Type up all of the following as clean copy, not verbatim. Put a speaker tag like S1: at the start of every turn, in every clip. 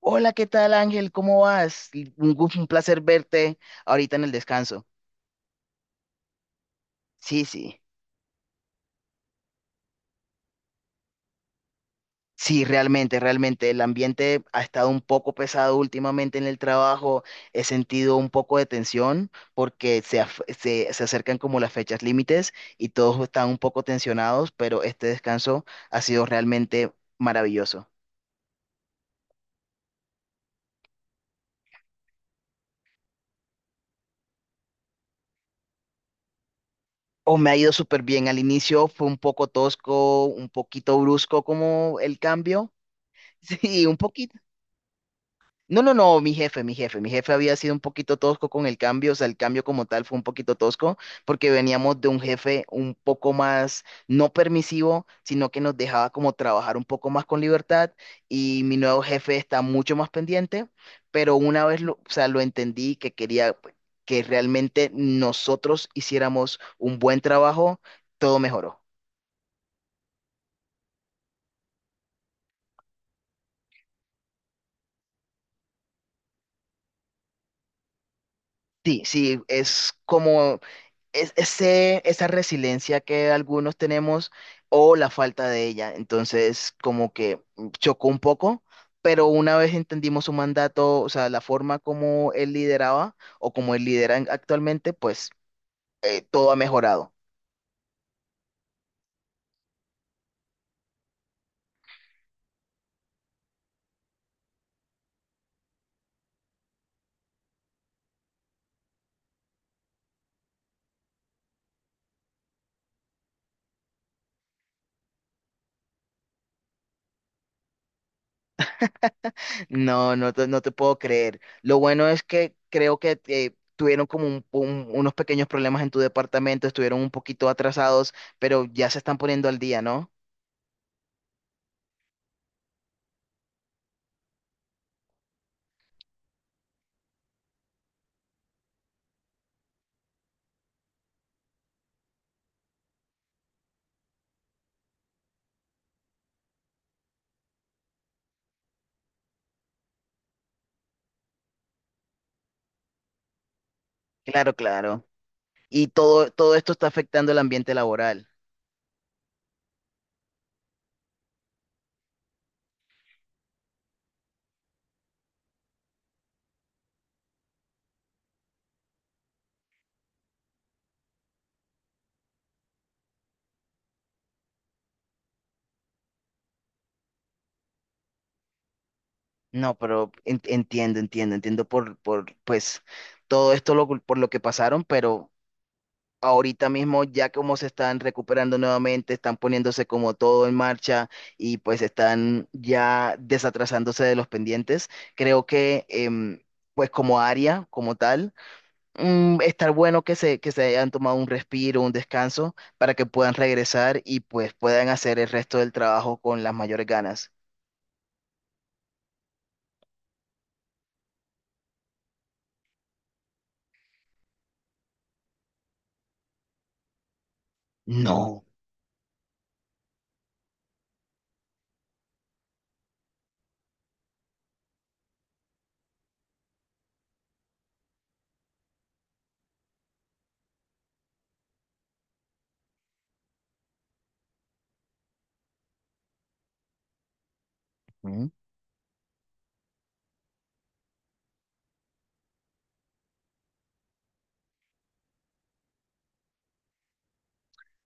S1: Hola, ¿qué tal, Ángel? ¿Cómo vas? Un placer verte ahorita en el descanso. Sí, sí, sí, realmente. El ambiente ha estado un poco pesado últimamente en el trabajo. He sentido un poco de tensión porque se acercan como las fechas límites y todos están un poco tensionados, pero este descanso ha sido realmente maravilloso. O me ha ido súper bien. Al inicio fue un poco tosco, un poquito brusco como el cambio. Sí, un poquito. No, no, no, mi jefe había sido un poquito tosco con el cambio, o sea, el cambio como tal fue un poquito tosco porque veníamos de un jefe un poco más no permisivo, sino que nos dejaba como trabajar un poco más con libertad y mi nuevo jefe está mucho más pendiente, pero una vez lo, o sea, lo entendí que quería pues, que realmente nosotros hiciéramos un buen trabajo, todo mejoró. Sí, sí, es como ese, esa resiliencia que algunos tenemos o la falta de ella. Entonces, como que chocó un poco, pero una vez entendimos su mandato, o sea, la forma como él lideraba o como él lidera actualmente, pues todo ha mejorado. No, no te puedo creer. Lo bueno es que creo que... tuvieron como unos pequeños problemas en tu departamento, estuvieron un poquito atrasados, pero ya se están poniendo al día, ¿no? Claro, claro. Y todo esto está afectando el ambiente laboral. No, pero entiendo, entiendo pues, todo esto lo, por lo que pasaron, pero ahorita mismo ya como se están recuperando nuevamente, están poniéndose como todo en marcha y pues están ya desatrasándose de los pendientes, creo que, pues como área, como tal, estar bueno que se hayan tomado un respiro, un descanso, para que puedan regresar y pues puedan hacer el resto del trabajo con las mayores ganas. No. Ujú.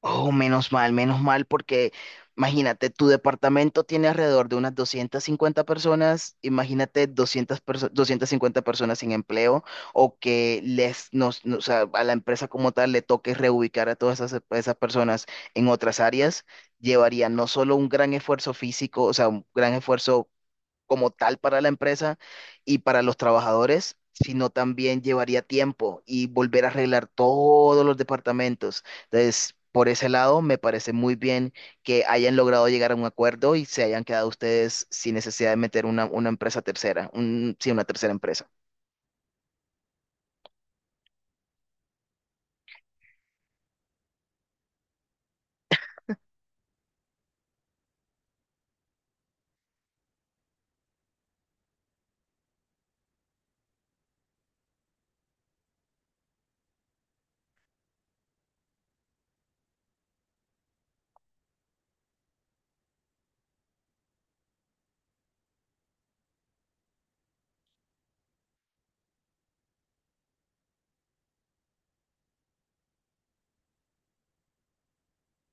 S1: Oh, menos mal, porque imagínate, tu departamento tiene alrededor de unas 250 personas, imagínate 250 personas sin empleo o que les, nos, no, o sea, a la empresa como tal le toque reubicar a esas personas en otras áreas, llevaría no solo un gran esfuerzo físico, o sea, un gran esfuerzo como tal para la empresa y para los trabajadores, sino también llevaría tiempo y volver a arreglar todos los departamentos. Entonces, por ese lado, me parece muy bien que hayan logrado llegar a un acuerdo y se hayan quedado ustedes sin necesidad de meter una empresa tercera, sí, una tercera empresa.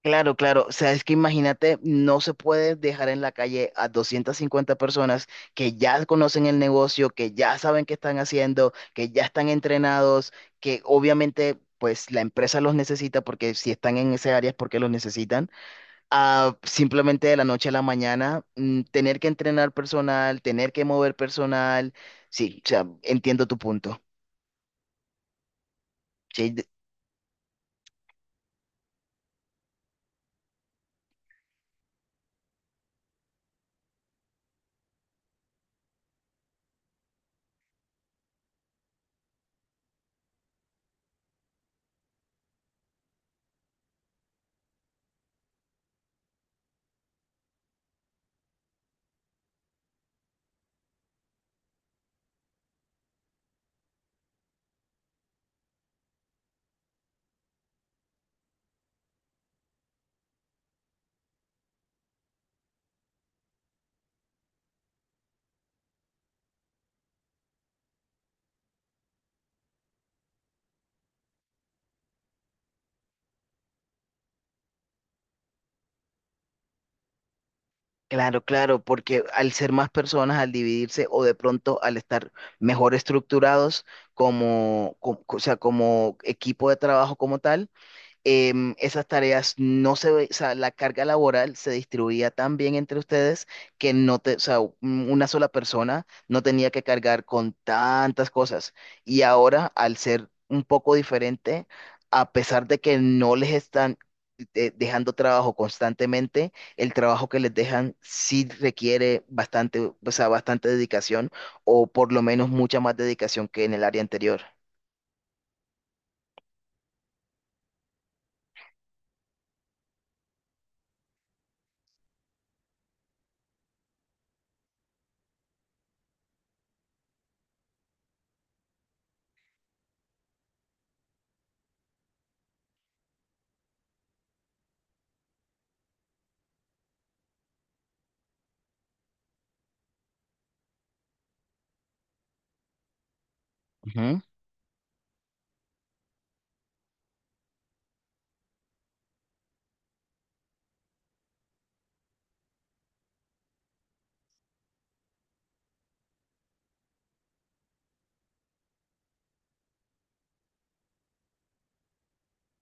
S1: Claro, claro. O sea, es que imagínate, no se puede dejar en la calle a 250 personas que ya conocen el negocio, que ya saben qué están haciendo, que ya están entrenados, que obviamente, pues la empresa los necesita porque si están en esa área es porque los necesitan. A simplemente de la noche a la mañana, tener que entrenar personal, tener que mover personal. Sí, o sea, entiendo tu punto. Sí, claro, claro, porque al ser más personas, al dividirse o de pronto al estar mejor estructurados como, o sea, como equipo de trabajo como tal, esas tareas no se, ve- o sea, la carga laboral se distribuía tan bien entre ustedes que no te, o sea, una sola persona no tenía que cargar con tantas cosas. Y ahora, al ser un poco diferente, a pesar de que no les están dejando trabajo constantemente, el trabajo que les dejan sí requiere bastante, o sea, bastante dedicación o por lo menos mucha más dedicación que en el área anterior.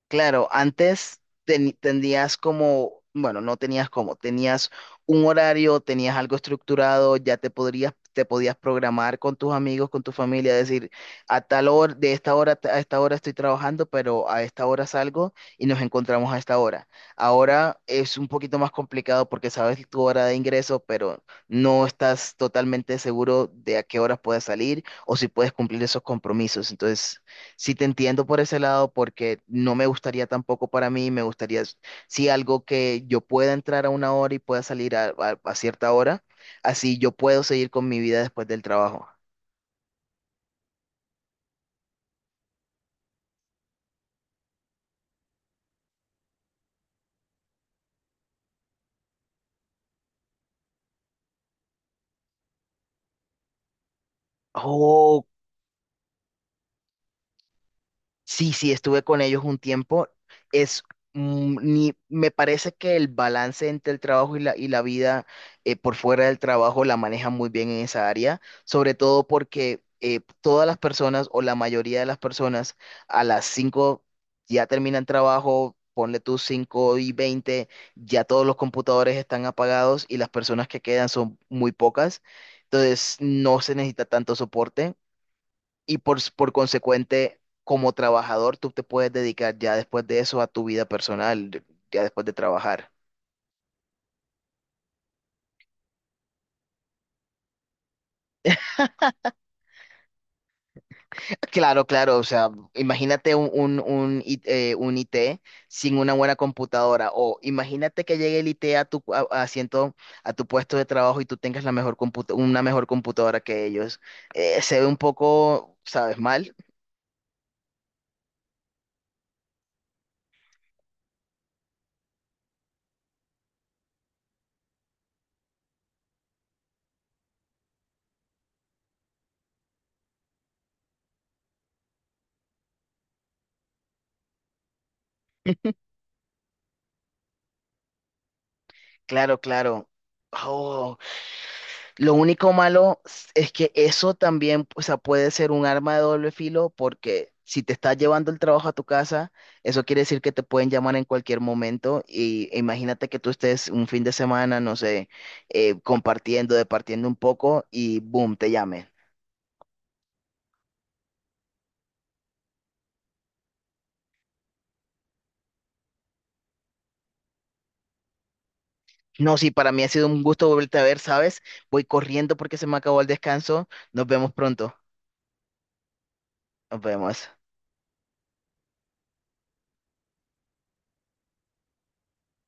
S1: Claro, antes tenías como, bueno, no tenías como, tenías un horario, tenías algo estructurado, ya te podías programar con tus amigos, con tu familia, decir, a tal hora, de esta hora a esta hora estoy trabajando, pero a esta hora salgo y nos encontramos a esta hora. Ahora es un poquito más complicado porque sabes tu hora de ingreso, pero no estás totalmente seguro de a qué horas puedes salir o si puedes cumplir esos compromisos. Entonces sí te entiendo por ese lado porque no me gustaría tampoco para mí, me gustaría sí algo que yo pueda entrar a una hora y pueda salir a, a cierta hora, así yo puedo seguir con mi vida después del trabajo. Sí, sí, estuve con ellos un tiempo. Es, mm, ni, me parece que el balance entre el trabajo y la vida por fuera del trabajo la manejan muy bien en esa área, sobre todo porque todas las personas o la mayoría de las personas a las 5 ya terminan trabajo, ponle tus 5:20, ya todos los computadores están apagados y las personas que quedan son muy pocas, entonces no se necesita tanto soporte y por consecuente, como trabajador, tú te puedes dedicar ya después de eso a tu vida personal, ya después de trabajar. Claro, claro, o sea, imagínate un IT sin una buena computadora o imagínate que llegue el IT a tu a asiento, a tu puesto de trabajo y tú tengas la una mejor computadora que ellos. Se ve un poco, ¿sabes? Mal. Claro, claro. Oh, lo único malo es que eso también, o sea, puede ser un arma de doble filo porque si te estás llevando el trabajo a tu casa, eso quiere decir que te pueden llamar en cualquier momento y e imagínate que tú estés un fin de semana, no sé, departiendo un poco y boom, te llamen. No, sí, para mí ha sido un gusto volverte a ver, ¿sabes? Voy corriendo porque se me acabó el descanso. Nos vemos pronto. Nos vemos.